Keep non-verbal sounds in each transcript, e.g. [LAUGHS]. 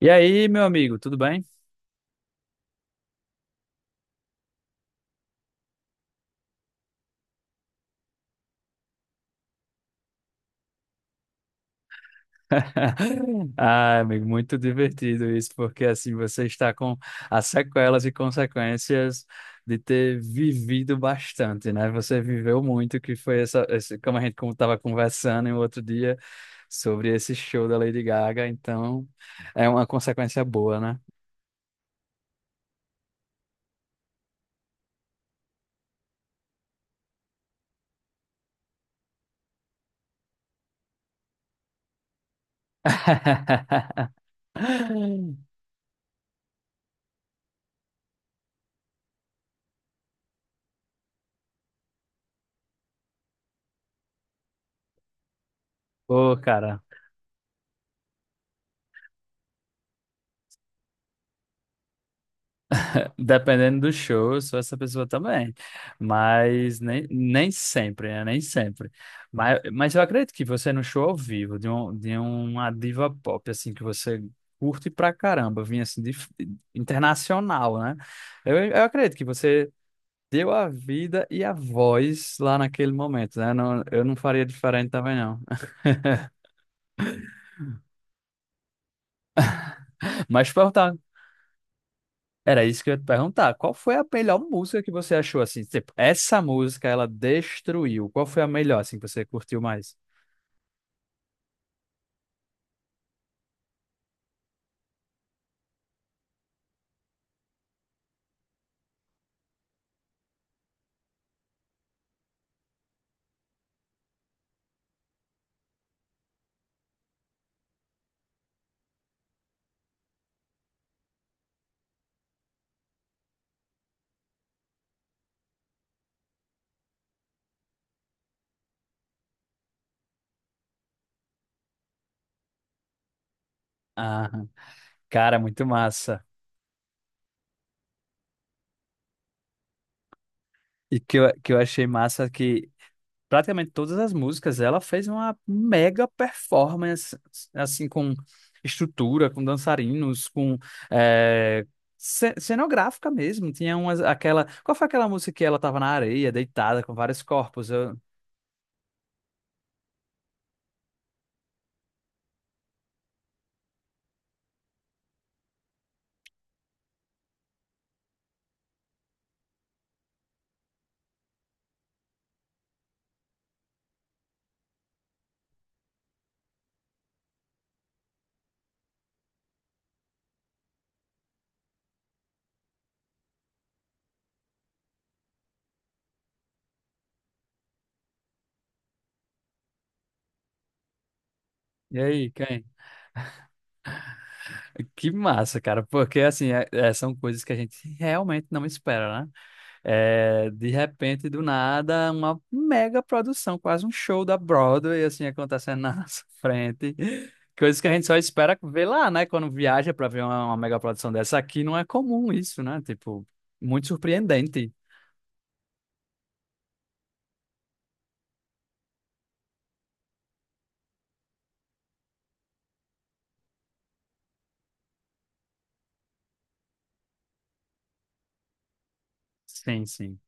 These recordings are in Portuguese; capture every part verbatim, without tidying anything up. E aí, meu amigo, tudo bem? [LAUGHS] Ah, amigo, muito divertido isso, porque assim você está com as sequelas e consequências de ter vivido bastante, né? Você viveu muito, que foi essa, esse, como a gente como estava conversando em outro dia sobre esse show da Lady Gaga, então é uma consequência boa, né? [LAUGHS] Pô, cara. Dependendo do show, eu sou essa pessoa também. Mas nem, nem sempre, né? Nem sempre. Mas, mas eu acredito que você no show ao vivo, de, um, de uma diva pop, assim, que você curte pra caramba, vinha assim, de, internacional, né? Eu, eu acredito que você deu a vida e a voz lá naquele momento, né? Não, eu não faria diferente também, não. [LAUGHS] Mas perguntar era isso que eu ia te perguntar. Qual foi a melhor música que você achou assim? Tipo, essa música ela destruiu. Qual foi a melhor assim que você curtiu mais? Ah, cara, muito massa. E que eu, que eu achei massa que praticamente todas as músicas ela fez uma mega performance assim com estrutura, com dançarinos, com eh, ce- cenográfica mesmo. Tinha umas aquela, qual foi aquela música que ela tava na areia deitada com vários corpos? Eu... E aí, quem? Que massa, cara, porque assim, é- é, são coisas que a gente realmente não espera, né? É, de repente, do nada, uma mega produção, quase um show da Broadway, assim, acontecendo na [LAUGHS] nossa frente. Coisas que a gente só espera ver lá, né? Quando viaja pra ver uma, uma mega produção dessa aqui, não é comum isso, né? Tipo, muito surpreendente. Sim, sim.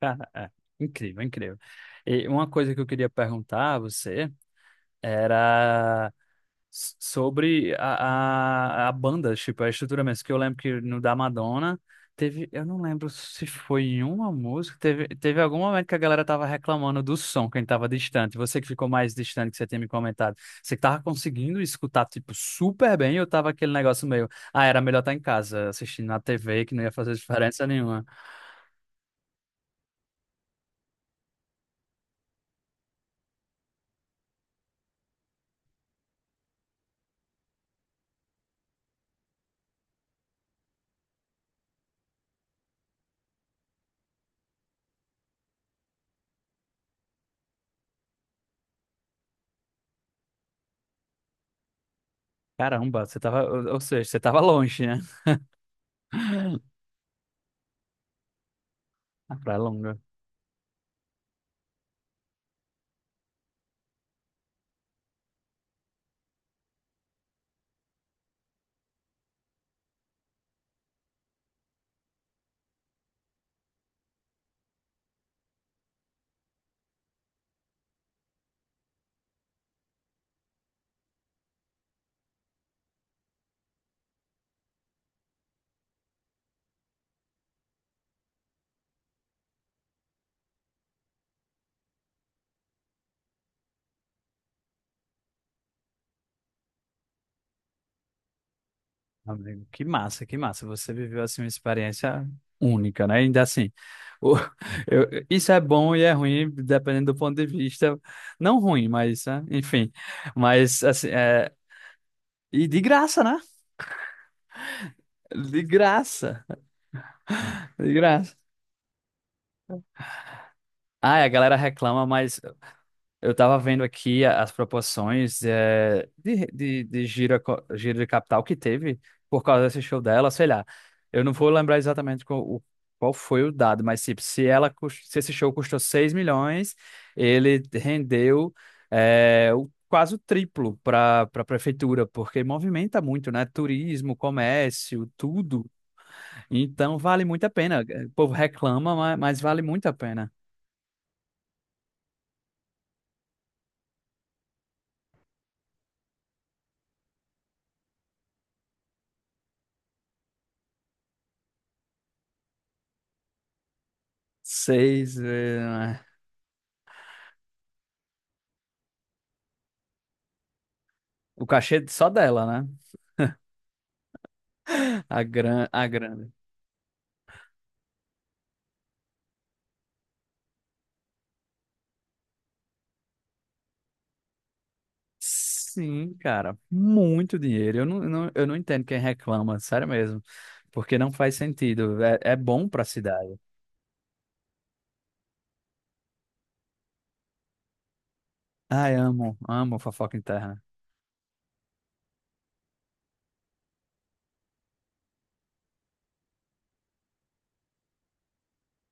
Cara, é incrível, incrível. E uma coisa que eu queria perguntar a você era... s- sobre a, a, a banda, tipo, a estrutura mesmo. Que eu lembro que no da Madonna teve, eu não lembro se foi em uma música, teve, teve algum momento que a galera tava reclamando do som, quem tava distante. Você que ficou mais distante, que você tinha me comentado. Você que tava conseguindo escutar, tipo, super bem, eu tava aquele negócio meio, ah, era melhor estar em casa, assistindo na T V, que não ia fazer diferença nenhuma. Caramba, você tava, ou ou seja, você tava longe, né? [LAUGHS] A praia é longa. Amigo, que massa, que massa. Você viveu assim uma experiência única, né? Ainda assim, o- [LAUGHS] eu- isso é bom e é ruim, dependendo do ponto de vista. Não ruim, mas né? Enfim. Mas assim, é... e de graça, né? De graça, de graça. Ah, a galera reclama, mas eu estava vendo aqui a- as proporções eh, de, de, de giro, eco- giro de capital que teve por causa desse show dela, sei lá. Eu não vou lembrar exatamente qual, o- qual foi o dado, mas tipo, se ela, cus- se esse show custou seis milhões, ele rendeu eh, o- quase o triplo para a prefeitura, porque movimenta muito, né? Turismo, comércio, tudo. Então vale muito a pena. O povo reclama, ma- mas, vale muito a pena. Seis, eh, o cachê só dela, né? A gran, a grana. Sim, cara, muito dinheiro. Eu não, não- eu não entendo quem reclama, sério mesmo. Porque não faz sentido. É, é bom pra cidade. Ai, amo, amo fofoca interna.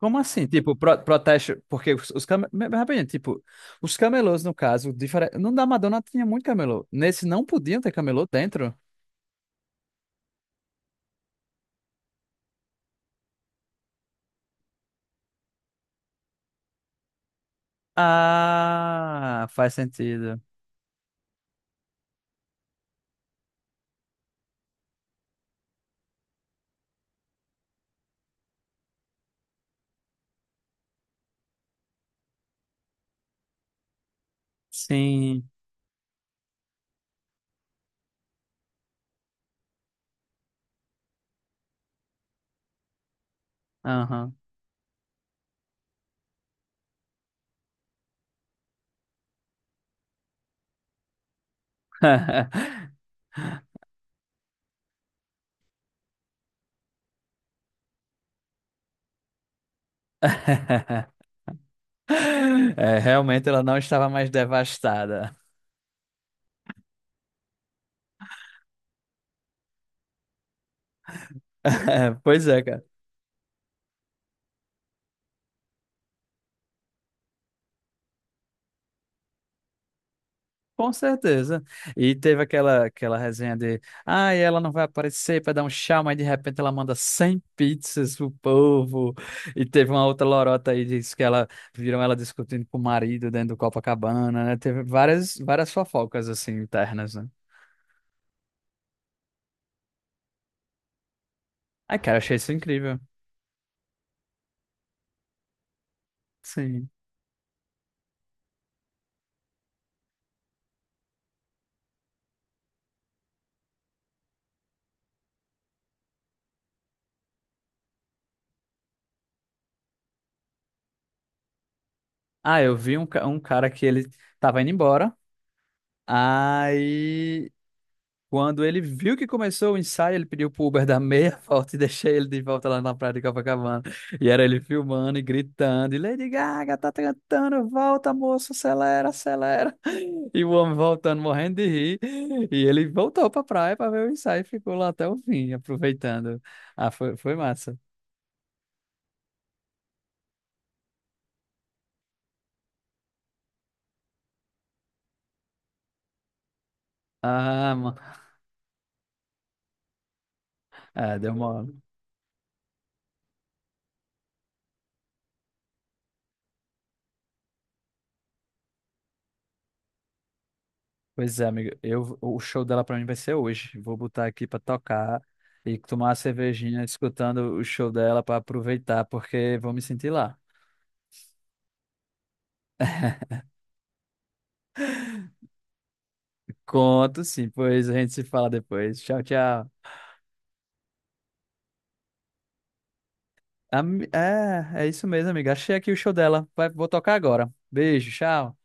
Como assim? Tipo, pro- protesto. Porque os, os cam- rapidinho, tipo, os camelôs, no caso, diferente. No da Madonna tinha muito camelô. Nesse não podiam ter camelô dentro. Ah, faz sentido. Sim. Aham. [LAUGHS] [LAUGHS] É, realmente ela não estava mais devastada. [LAUGHS] Pois é, cara. Com certeza. E teve aquela, aquela resenha de, ah, ela não vai aparecer para dar um tchau, mas de repente ela manda cem pizzas pro povo. E teve uma outra lorota aí, disse que ela, viram ela discutindo com o marido dentro do Copacabana, né? Teve várias, várias fofocas, assim, internas, né? Ai, cara, eu achei isso incrível. Sim. Ah, eu vi um, ca- um cara que ele tava indo embora, aí quando ele viu que começou o ensaio, ele pediu pro Uber [LAUGHS] dar meia volta e deixei ele de volta lá na praia de Copacabana. E era ele filmando e gritando, e Lady Gaga tá cantando, volta, moço, acelera, acelera. [LAUGHS] E o homem voltando, morrendo de rir. E ele voltou pra praia pra ver o ensaio e ficou lá até o fim, aproveitando. Ah, foi, foi massa. Ah, mano. É, deu mole. Pois é, amigo. Eu, o show dela pra mim vai ser hoje. Vou botar aqui pra tocar e tomar uma cervejinha escutando o show dela pra aproveitar, porque vou me sentir lá. Conto sim, pois a gente se fala depois. Tchau, tchau. Ami- É, é isso mesmo, amiga achei aqui o show dela. Vai, vou tocar agora. Beijo, tchau.